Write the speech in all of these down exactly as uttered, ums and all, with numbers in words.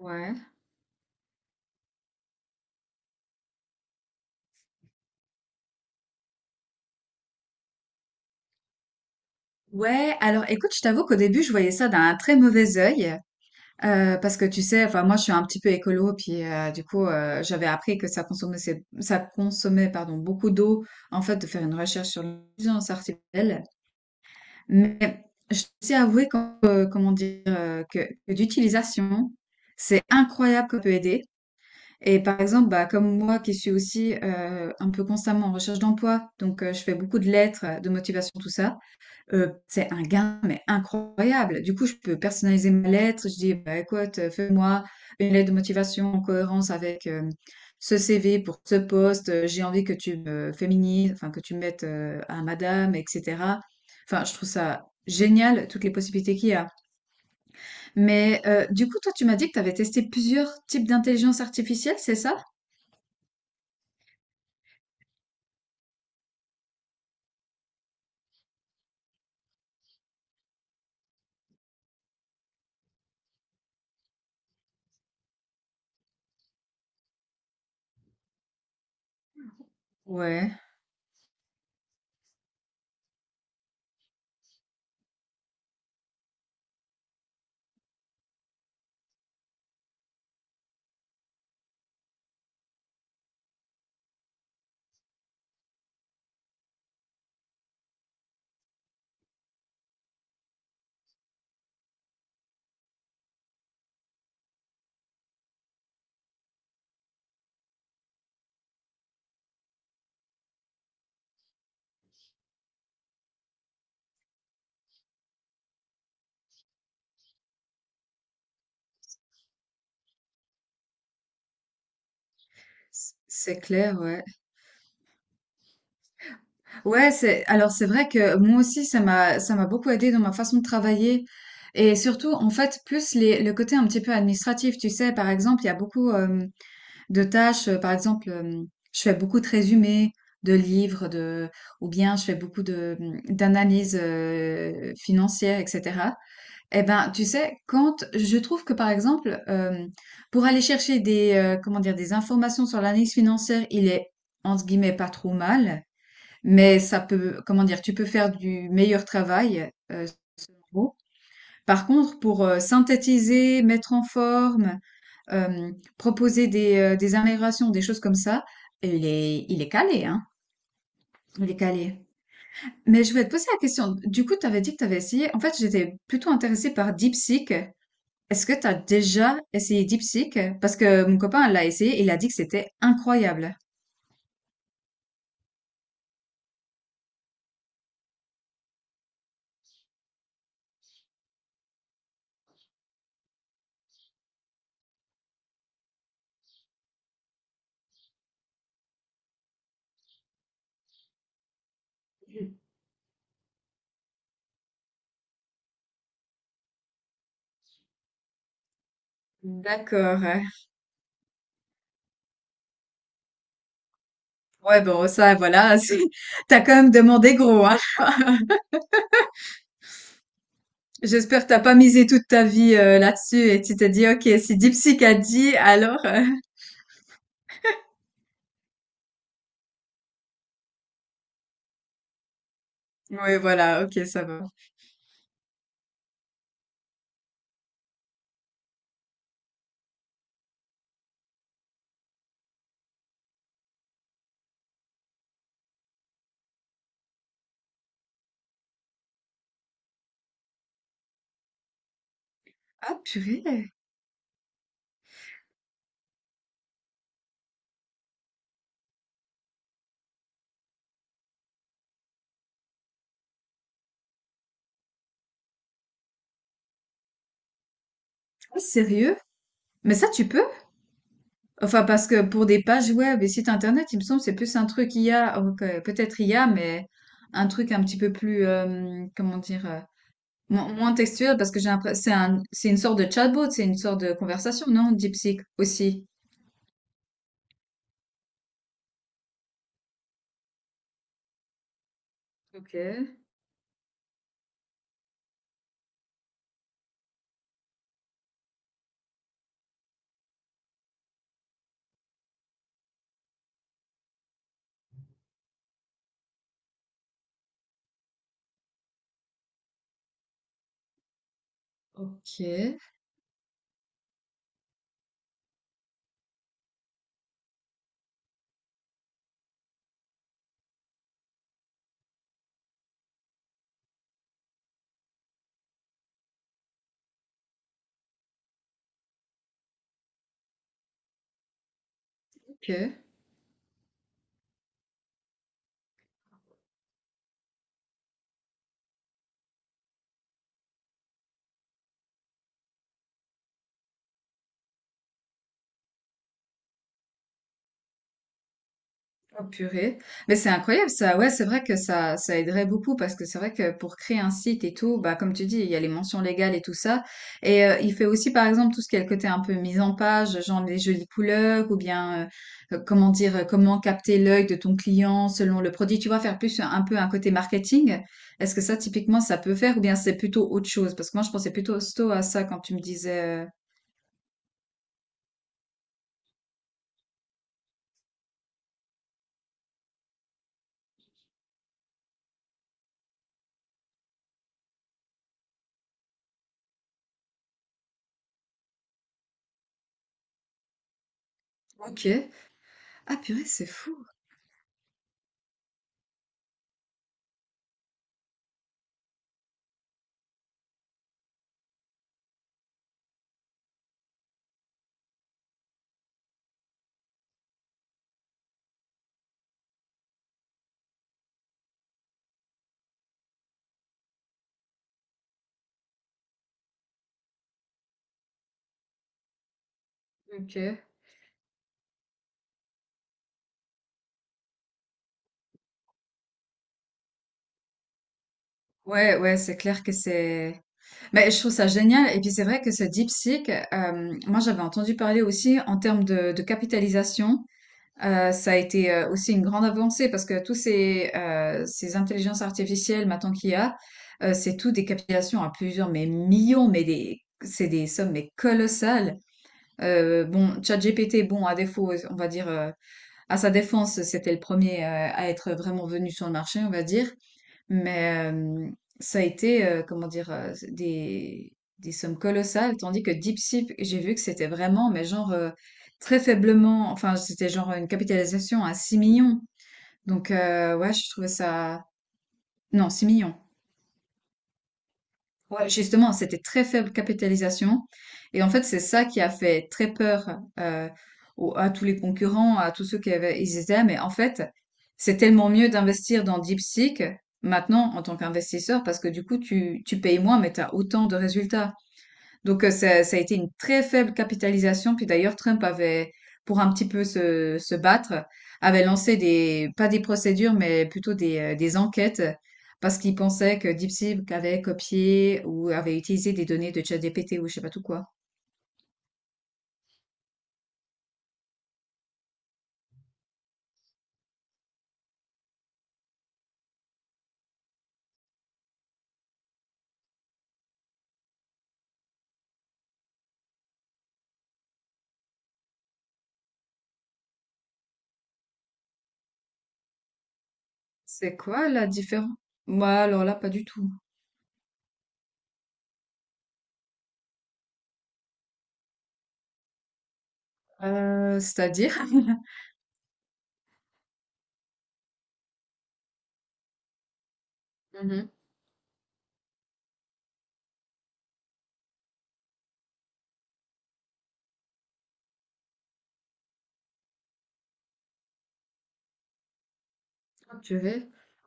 Ouais. Ouais, alors écoute, je t'avoue qu'au début, je voyais ça d'un très mauvais œil, euh, parce que tu sais, enfin moi, je suis un petit peu écolo, puis euh, du coup, euh, j'avais appris que ça consommait, c'est- ça consommait, pardon, beaucoup d'eau, en fait, de faire une recherche sur l'intelligence artificielle. Mais je dois aussi avouer qu'en- euh, comment dire, euh, que, que d'utilisation, c'est incroyable qu'on peut aider. Et par exemple, bah, comme moi qui suis aussi euh, un peu constamment en recherche d'emploi, donc euh, je fais beaucoup de lettres, de motivation, tout ça. Heu, c'est un gain, mais incroyable. Du coup, je peux personnaliser ma lettre. Je dis: «Bah, écoute, heu, fais-moi une lettre de motivation en cohérence avec, hem, ce C V pour ce poste, heu, j'ai envie que tu me féminises, enfin que tu me mettes, heu, à madame et cetera». Enfin, je trouve ça génial, toutes les possibilités qu'il y a. Mais, heu, du coup, toi, tu m'as dit que tu avais testé plusieurs types d'intelligence artificielle, c'est ça? Ouais. C- C'est clair, ouais. Ouais, c'est alors c'est vrai que moi aussi ça m'a ça m'a beaucoup aidé dans ma façon de travailler et surtout en fait plus les le côté un petit peu administratif, tu sais, par exemple, il y a beaucoup euh, de tâches, euh, par exemple, euh, je fais beaucoup de résumés de livres de ou bien je fais beaucoup de d'analyses euh, financières, et cetera. Eh ben, tu sais, quand je trouve que par exemple euh, pour aller chercher des euh, comment dire des informations sur l'analyse financière, il est entre guillemets pas trop mal. Mais ça peut, comment dire, tu peux faire du meilleur travail, heu, sans mots. Par contre, pour, heu, synthétiser, mettre en forme, hem, proposer des, heu, des améliorations, des choses comme ça, il est il est calé, hein, il est calé. Mais je voulais te poser la question, du coup, tu avais dit que tu avais essayé en fait, j'étais plutôt intéressée par DeepSeek. Est-ce que tu as déjà essayé DeepSeek? Parce que mon copain l'a essayé et il a dit que c'était incroyable. Mmh. D'accord. Ouais. Ouais, bon, ça, voilà, c'est- t'as quand même demandé gros, hein. J'espère que t'as pas misé toute ta vie euh, là-dessus et tu t'es dit, ok, si DeepSeek a dit, alors... euh, Oui, voilà, ok, ça va. Ah, purée. Ah, sérieux? Mais ça, tu peux? Enfin, parce que pour des pages web et sites internet, il me semble, c'est plus un truc I a. Ok, peut-être I a, mais un truc un petit peu plus, euh, comment dire, euh, Mo- moins textuel parce que j'ai l'impression c'est un c'est une sorte de chatbot, c'est une sorte de conversation, non? DeepSeek aussi. Ok, ok, ok. Oh purée. Mais c'est incroyable ça. Ouais, c'est vrai que ça, ça aiderait beaucoup parce que c'est vrai que pour créer un site et tout, bah comme tu dis, il y a les mentions légales et tout ça. Et euh, il fait aussi par exemple tout ce qui est le côté un peu mise en page, genre les jolies couleurs ou bien euh, euh, comment dire, euh, comment capter l'œil de ton client selon le produit. Tu vois, faire plus un, un peu un côté marketing. Est-ce que ça typiquement ça peut faire ou bien c'est plutôt autre chose? Parce que moi je pensais plutôt sto à ça quand tu me disais. euh, OK. Ah purée, c'est fou. OK. Ouais, ouais, c'est clair que c'est. Mais je trouve ça génial. Et puis c'est vrai que ce DeepSeek, euh, moi j'avais entendu parler aussi en termes de, de capitalisation. Euh, ça a été euh, aussi une grande avancée parce que tous ces, euh, ces intelligences artificielles maintenant qu'il y a, euh, c'est tout des capitalisations à plusieurs mais millions, mais des c'est des sommes mais colossales. Euh, bon, ChatGPT, bon, à défaut, on va dire, euh, à sa défense, c'était le premier euh, à être vraiment venu sur le marché, on va dire. Mais euh, ça a été, euh, comment dire, euh, des, des sommes colossales, tandis que Deep Seek, j'ai vu que c'était vraiment, mais genre, euh, très faiblement, enfin, c'était genre une capitalisation à six millions. Donc, euh, ouais, je trouvais ça... Non, six millions. Ouais, justement, c'était très faible capitalisation. Et en fait, c'est ça qui a fait très peur euh, au- à tous les concurrents, à tous ceux qui avaient, ils étaient. Mais en fait, c'est tellement mieux d'investir dans DeepSeek maintenant en tant qu'investisseur parce que du coup, tu, tu payes moins, mais tu as autant de résultats. Donc, euh, ça, ça a été une très faible capitalisation. Puis d'ailleurs, Trump avait, pour un petit peu se, se battre, avait lancé des, pas des procédures, mais plutôt des, euh, des enquêtes parce qu'il pensait que DeepSeek avait copié ou avait utilisé des données de ChatGPT ou je sais pas tout quoi. C'est quoi la différence? Bah, alors là, pas du tout. Heu, c'est-à-dire? Mmh mh. Oh purée.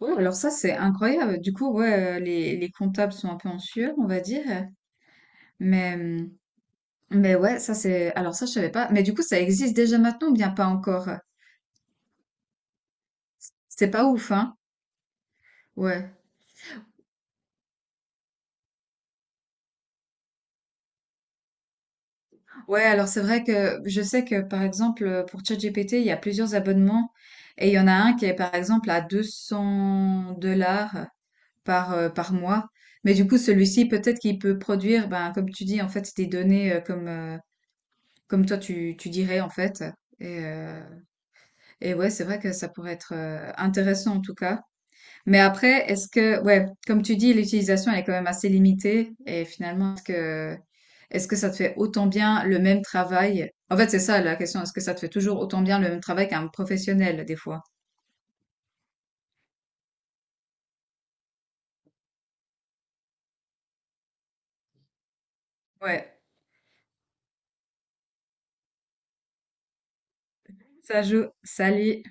Ouais, alors ça, c'est incroyable. Du coup, ouais, heu, les les comptables sont un peu en sueur, on va dire, mais mmh, mais ouais, ça c'est alors ça, je savais pas. Mais du coup, ça existe déjà maintenant ou bien pas encore? C'est pas ouf, hein? Ouais. Ouais, alors c'est vrai que je sais que, par exemple, pour ChatGPT, il y a plusieurs abonnements et il y en a un qui est, par exemple, à deux cents dollars. Par, euh, par mois. Mais du coup, celui-ci, peut-être qu'il peut produire, ben, comme tu dis, en fait, des données euh, comme, euh, comme toi, tu, tu dirais, en fait. Et, euh, et ouais, c'est vrai que ça pourrait être euh, intéressant en tout cas. Mais après, est-ce que, ouais, comme tu dis, l'utilisation elle est quand même assez limitée. Et finalement, est-ce que, est-ce que ça te fait autant bien le même travail? En fait, c'est ça la question. Est-ce que ça te fait toujours autant bien le même travail qu'un professionnel des fois? Ouais, ça joue. Salut.